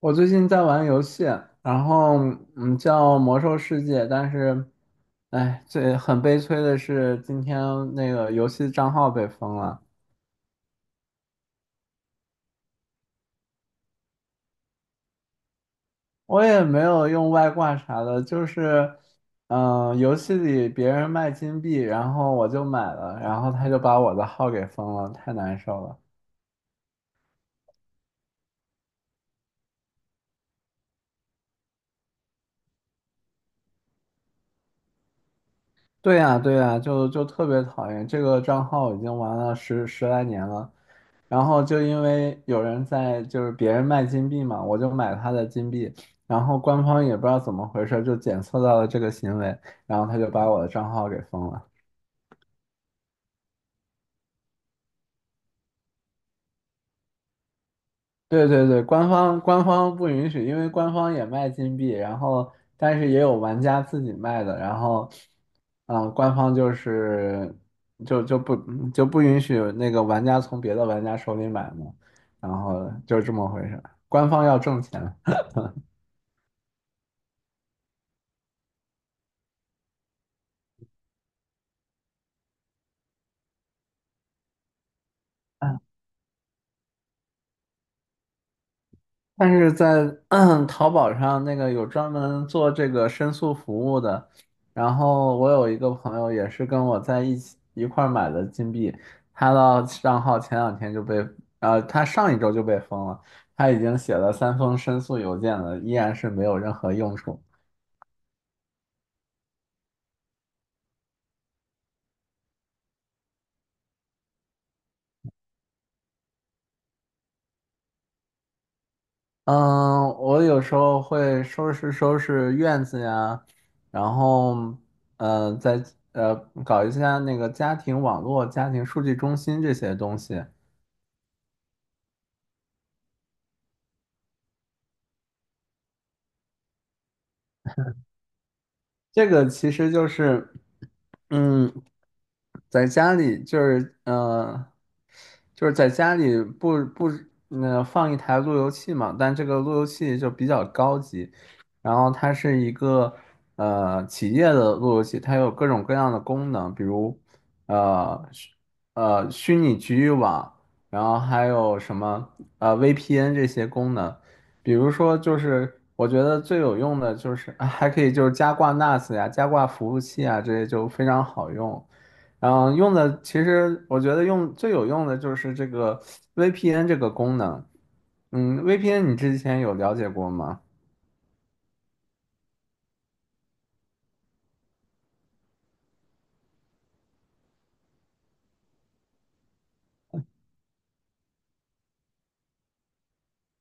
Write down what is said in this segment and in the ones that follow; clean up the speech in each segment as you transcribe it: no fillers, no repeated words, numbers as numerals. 我最近在玩游戏，然后叫《魔兽世界》，但是，哎，很悲催的是今天那个游戏账号被封了。我也没有用外挂啥的，就是，游戏里别人卖金币，然后我就买了，然后他就把我的号给封了，太难受了。对呀，对呀，就特别讨厌这个账号，已经玩了十来年了。然后就因为有人在，就是别人卖金币嘛，我就买他的金币，然后官方也不知道怎么回事，就检测到了这个行为，然后他就把我的账号给封了。对对对，官方不允许，因为官方也卖金币，然后但是也有玩家自己卖的，然后，官方就是就就不就不允许那个玩家从别的玩家手里买嘛，然后就是这么回事，官方要挣钱。但是在淘宝上那个有专门做这个申诉服务的，然后我有一个朋友也是跟我在一起一块儿买的金币，他的账号前两天就被，他上一周就被封了，他已经写了三封申诉邮件了，依然是没有任何用处。嗯，我有时候会收拾收拾院子呀，然后，再呃搞一下那个家庭网络、家庭数据中心这些东西。这个其实就是，嗯，在家里就是就是在家里不放一台路由器嘛，但这个路由器就比较高级，然后它是一个企业的路由器，它有各种各样的功能，比如呃虚虚拟局域网，然后还有什么VPN 这些功能。比如说，就是我觉得最有用的就是啊还可以就是加挂 NAS 呀、加挂服务器啊，这些就非常好用。然后用的其实我觉得用最有用的就是这个 VPN 这个功能。VPN 你之前有了解过吗？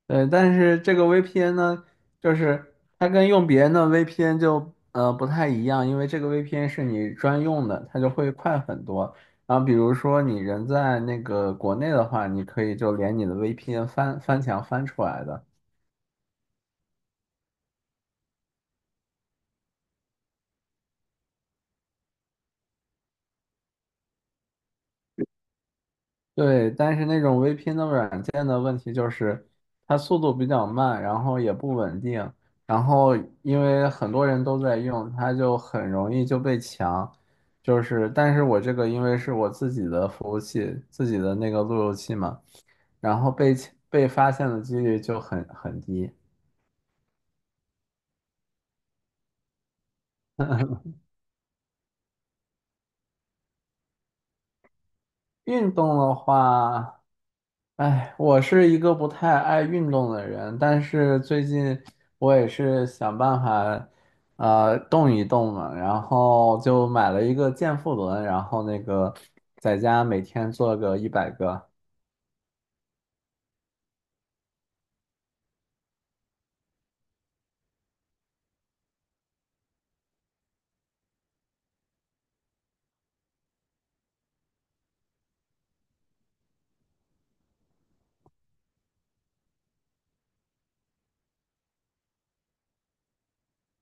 对，但是这个 VPN 呢，就是它跟用别人的 VPN 就不太一样，因为这个 VPN 是你专用的，它就会快很多。然后比如说你人在那个国内的话，你可以就连你的 VPN 翻翻墙翻出来的。对，但是那种 VPN 的软件的问题就是，它速度比较慢，然后也不稳定，然后因为很多人都在用，它就很容易就被抢。就是，但是我这个因为是我自己的服务器，自己的那个路由器嘛，然后被发现的几率就很低。运动的话。哎，我是一个不太爱运动的人，但是最近我也是想办法，动一动嘛，然后就买了一个健腹轮，然后那个在家每天做个100个。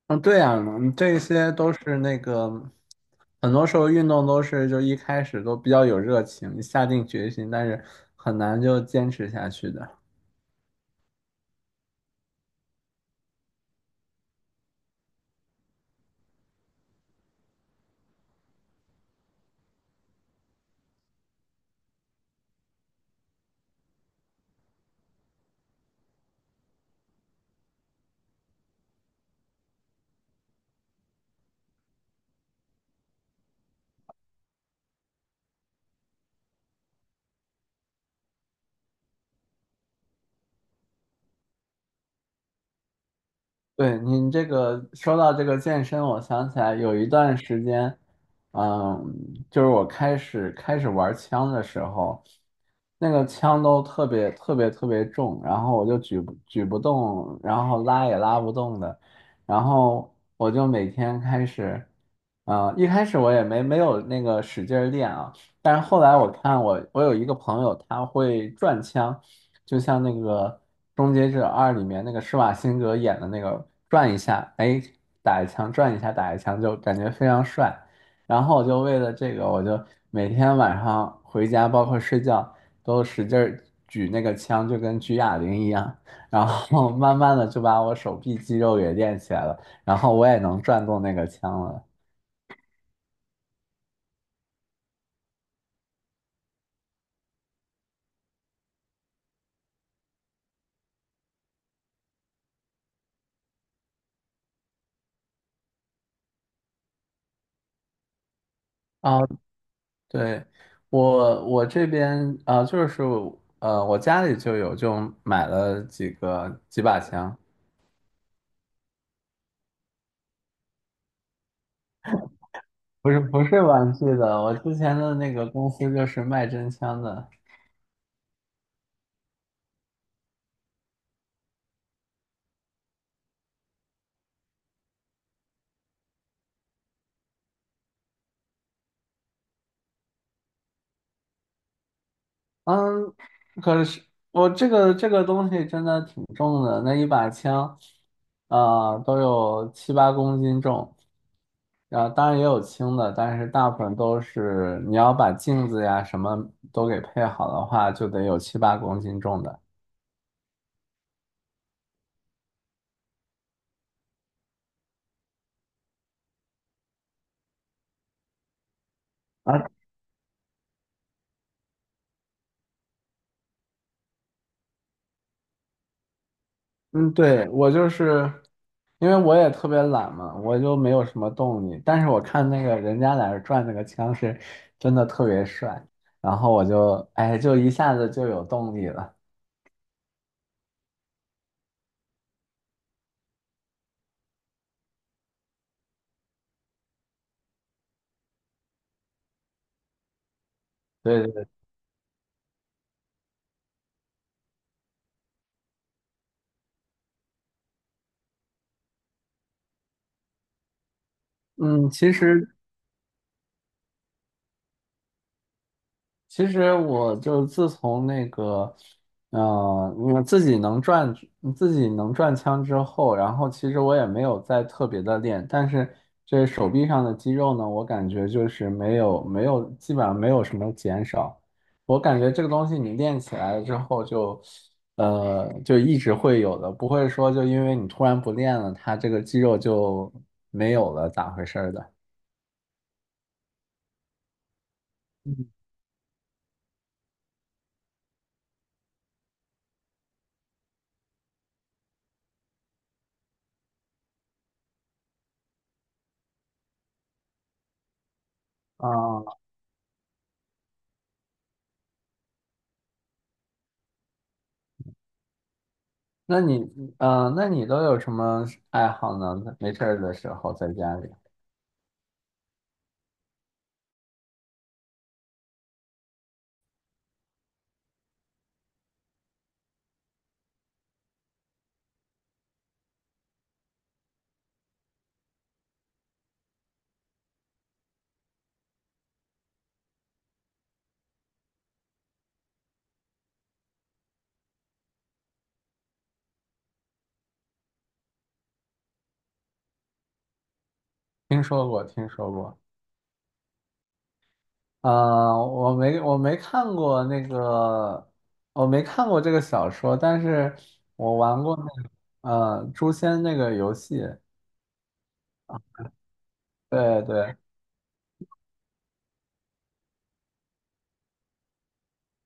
嗯，对呀，这些都是那个，很多时候运动都是就一开始都比较有热情，下定决心，但是很难就坚持下去的。对您这个说到这个健身，我想起来有一段时间，嗯，就是我开始玩枪的时候，那个枪都特别特别特别重，然后我就举不动，然后拉也拉不动的，然后我就每天开始，啊，一开始我也没有那个使劲儿练啊，但是后来我看我有一个朋友他会转枪。就像那个《终结者二》里面那个施瓦辛格演的那个转一下，哎，打一枪，转一下，打一枪，就感觉非常帅。然后我就为了这个，我就每天晚上回家，包括睡觉，都使劲儿举那个枪，就跟举哑铃一样。然后 慢慢的就把我手臂肌肉给练起来了，然后我也能转动那个枪了。哦对，我这边就是我家里就有，就买了几把枪，不是不是玩具的，我之前的那个公司就是卖真枪的，嗯，可是我这个东西真的挺重的，那一把枪都有七八公斤重，然后当然也有轻的，但是大部分都是你要把镜子呀什么都给配好的话，就得有七八公斤重的。啊，嗯，对，我就是因为我也特别懒嘛，我就没有什么动力。但是我看那个人家在那儿转那个枪是真的特别帅，然后我就哎，就一下子就有动力了。对对对，嗯，其实。其实我就自从那个，呃，我自己能转枪之后，然后其实我也没有再特别的练，但是这手臂上的肌肉呢，我感觉就是没有基本上没有什么减少。我感觉这个东西你练起来了之后就，就一直会有的，不会说就因为你突然不练了，它这个肌肉就没有了，咋回事儿的？嗯啊。那你，那你都有什么爱好呢？没事儿的时候在家里，听说过，听说过。嗯、我没看过那个，我没看过这个小说，但是我玩过那个，《诛仙》那个游戏。对对，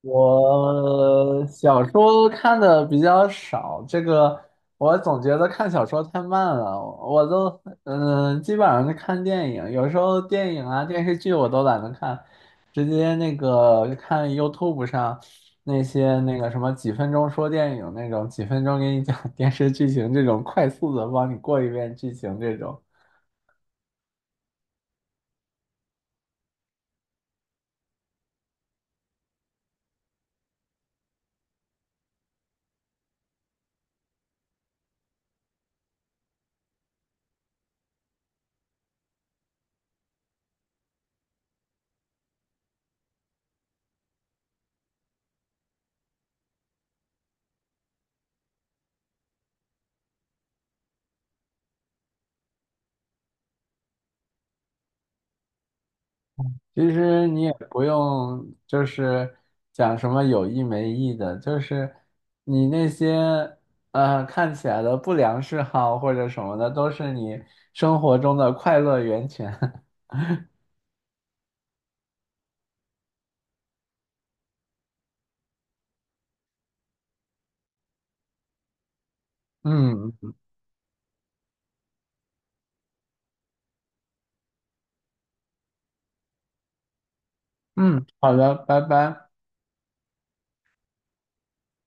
我小说看的比较少，这个我总觉得看小说太慢了，我都基本上是看电影，有时候电影啊电视剧我都懒得看，直接那个看 YouTube 上那些那个什么几分钟说电影那种，几分钟给你讲电视剧情这种快速的帮你过一遍剧情这种。其实你也不用就是讲什么有意没意的，就是你那些看起来的不良嗜好或者什么的，都是你生活中的快乐源泉。嗯嗯，好的，拜拜。